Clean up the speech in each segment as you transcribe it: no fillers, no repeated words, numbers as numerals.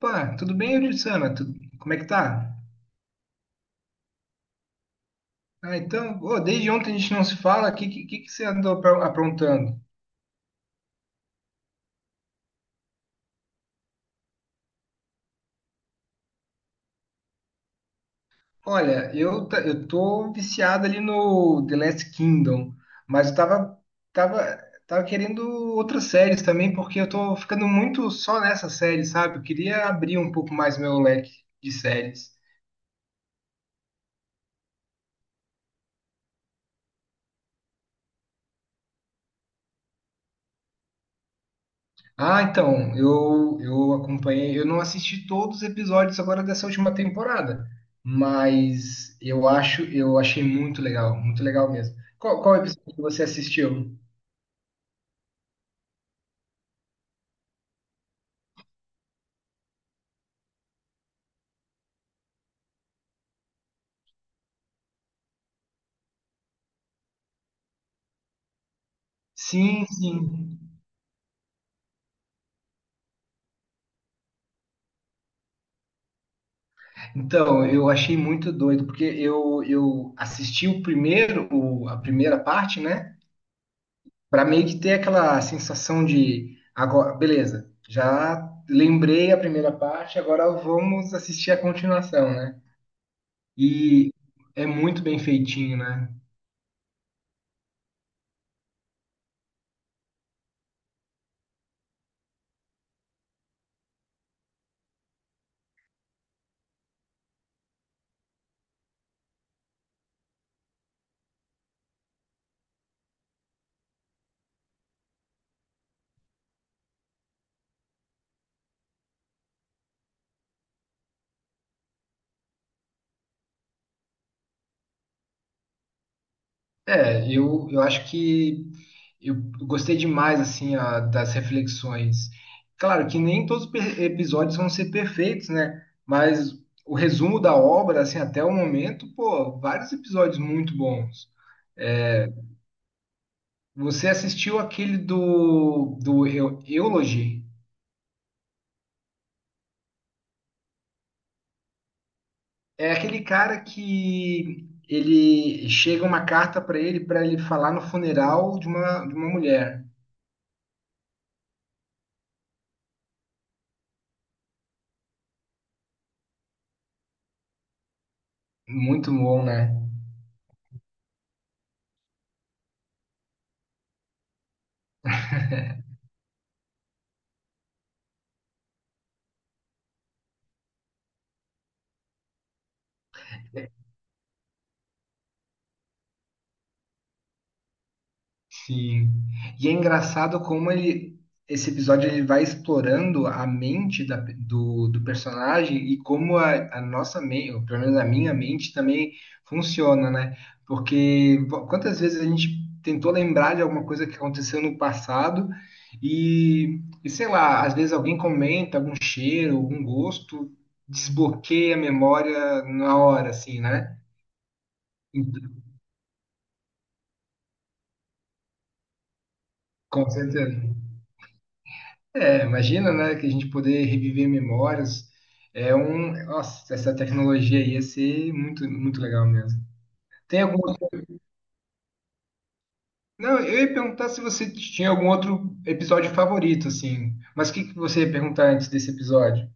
Opa, tudo bem, Euridissana? Tudo? Como é que tá? Desde ontem a gente não se fala. O que, que você andou aprontando? Olha, eu tô viciado ali no The Last Kingdom, mas eu tava, tava, tava querendo outras séries também, porque eu tô ficando muito só nessa série, sabe? Eu queria abrir um pouco mais meu leque de séries. Eu acompanhei, eu não assisti todos os episódios agora dessa última temporada, mas eu achei muito legal mesmo. Qual episódio que você assistiu? Sim, sim. Então, eu achei muito doido, porque eu assisti o primeiro, a primeira parte, né? Para meio que ter aquela sensação de agora, beleza, já lembrei a primeira parte, agora vamos assistir a continuação, né? E é muito bem feitinho, né? Eu acho que eu gostei demais assim das reflexões. Claro que nem todos os episódios vão ser perfeitos, né? Mas o resumo da obra, assim, até o momento, pô, vários episódios muito bons. Você assistiu aquele do Eulogy? É aquele cara que ele chega uma carta para ele falar no funeral de de uma mulher. Muito bom, né? Sim. E é engraçado como ele, esse episódio ele vai explorando a mente do personagem e como a nossa mente, ou pelo menos a minha mente também funciona, né? Porque quantas vezes a gente tentou lembrar de alguma coisa que aconteceu no passado e sei lá, às vezes alguém comenta algum cheiro, algum gosto, desbloqueia a memória na hora, assim, né? Ent- Com certeza. É, imagina, né, que a gente poder reviver memórias. É um, nossa, essa tecnologia aí ia ser muito, muito legal mesmo. Tem algum outro- Não, eu ia perguntar se você tinha algum outro episódio favorito, assim. Mas o que que você ia perguntar antes desse episódio?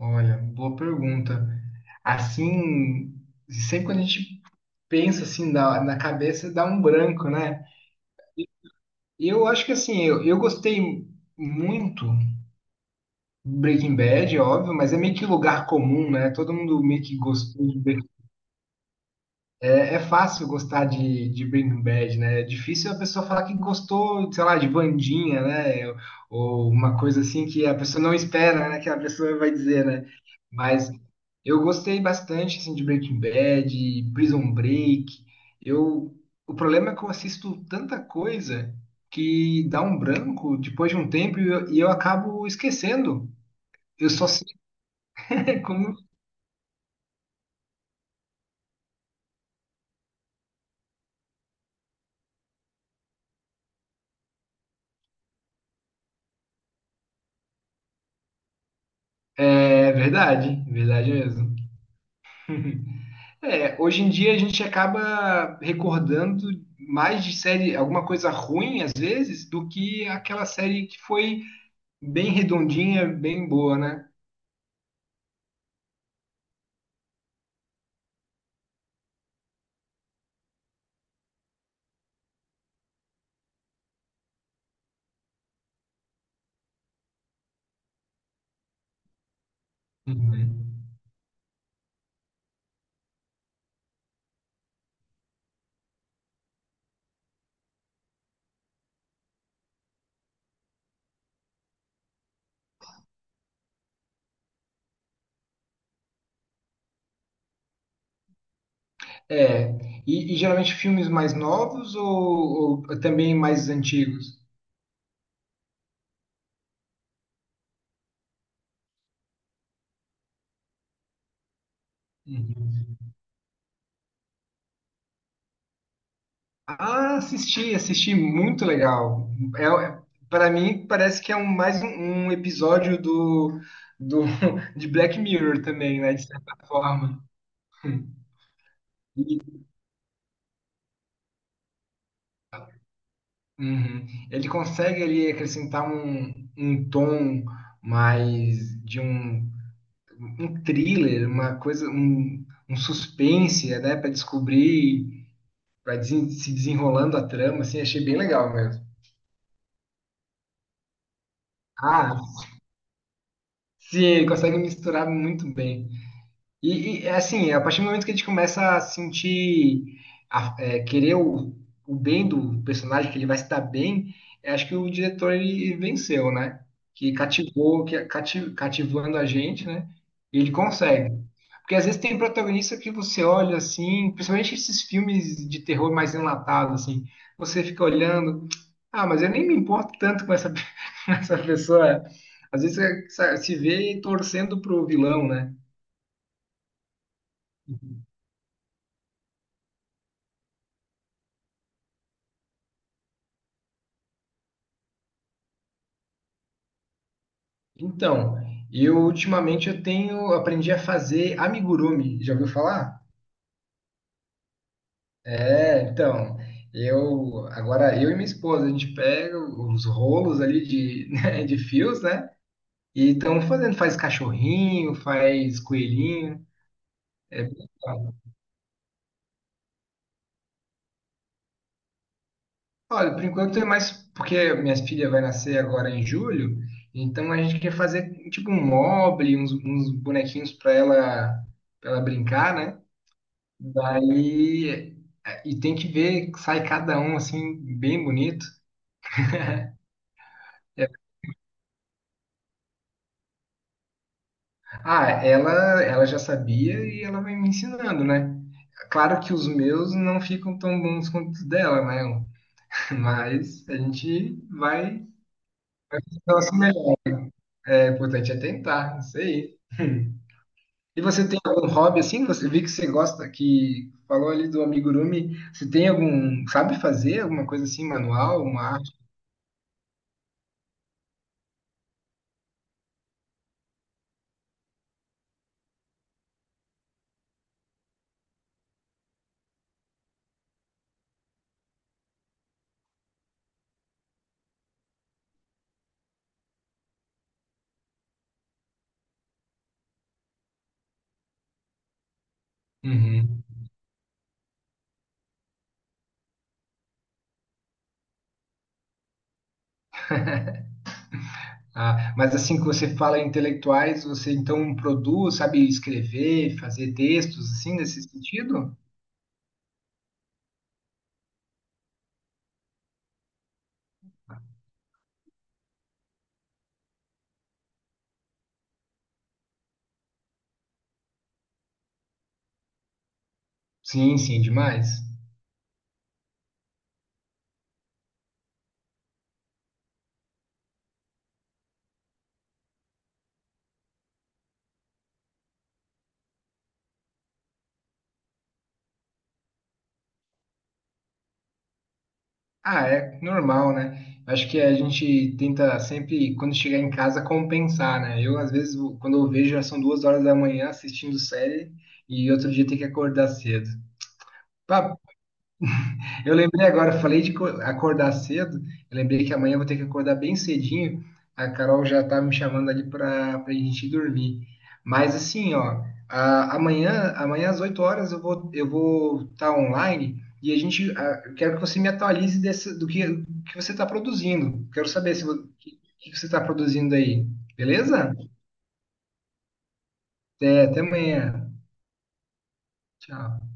Olha, boa pergunta. Assim, sempre quando a gente pensa assim na cabeça, dá um branco, né? Eu acho que assim, eu gostei muito Breaking Bad, é óbvio, mas é meio que lugar comum, né? Todo mundo meio que gostou de Breaking Bad. É, é fácil gostar de Breaking Bad, né? É difícil a pessoa falar que gostou, sei lá, de Vandinha, né? Ou uma coisa assim que a pessoa não espera, né? Que a pessoa vai dizer, né? Mas eu gostei bastante, assim, de Breaking Bad, Prison Break. Eu, o problema é que eu assisto tanta coisa que dá um branco depois de um tempo e eu acabo esquecendo. Eu só sei quando É verdade, verdade mesmo. É, hoje em dia a gente acaba recordando mais de série, alguma coisa ruim às vezes, do que aquela série que foi bem redondinha, bem boa, né? Uhum. É, e geralmente filmes mais novos ou também mais antigos? Uhum. Ah, assisti, assisti, muito legal. É, para mim parece que é um episódio do de Black Mirror também, né? De certa forma. Uhum. Ele consegue ali acrescentar um tom mais de um thriller, uma coisa, um suspense, né? Para descobrir, para se desenrolando a trama, assim, achei bem legal mesmo. Ah, sim, ele consegue misturar muito bem. É assim, a partir do momento que a gente começa a sentir, querer o bem do personagem, que ele vai se dar bem, eu acho que o diretor ele venceu, né? Que cativou, cativando a gente, né? E ele consegue. Porque às vezes tem protagonista que você olha assim, principalmente esses filmes de terror mais enlatados, assim, você fica olhando, ah, mas eu nem me importo tanto com essa, com essa pessoa. Às vezes você se vê torcendo pro vilão, né? Então, eu tenho aprendi a fazer amigurumi. Já ouviu falar? É, então, eu e minha esposa a gente pega os rolos ali de, né, de fios, né? E estamos fazendo, faz cachorrinho, faz coelhinho. É bem legal. Olha, por enquanto é mais porque minha filha vai nascer agora em julho, então a gente quer fazer tipo um mobile, uns bonequinhos para ela brincar, né? Daí, é, e tem que ver, sai cada um assim, bem bonito. Ah, ela já sabia e ela vai me ensinando, né? Claro que os meus não ficam tão bons quanto os dela, né? Mas a gente vai. Nosso melhor. É importante é tentar, não sei. E você tem algum hobby assim? Você vi que você gosta, que falou ali do amigurumi. Você tem algum, sabe fazer alguma coisa assim, manual, uma arte? Uhum. Ah, mas assim que você fala em intelectuais, você então produz, sabe escrever, fazer textos assim nesse sentido? Sim, sim, demais. Ah, é normal, né? Acho que a gente tenta sempre, quando chegar em casa, compensar, né? Eu, às vezes, quando eu vejo, já são 2 horas da manhã assistindo série e outro dia tem que acordar cedo. Papo Eu lembrei agora, eu falei de acordar cedo. Eu lembrei que amanhã eu vou ter que acordar bem cedinho. A Carol já tá me chamando ali para a gente dormir. Mas assim, ó, amanhã às 8 horas eu vou estar online e a gente eu quero que você me atualize desse, do que você está produzindo. Quero saber se o que, que você está produzindo aí, beleza? Até, até amanhã. Tchau.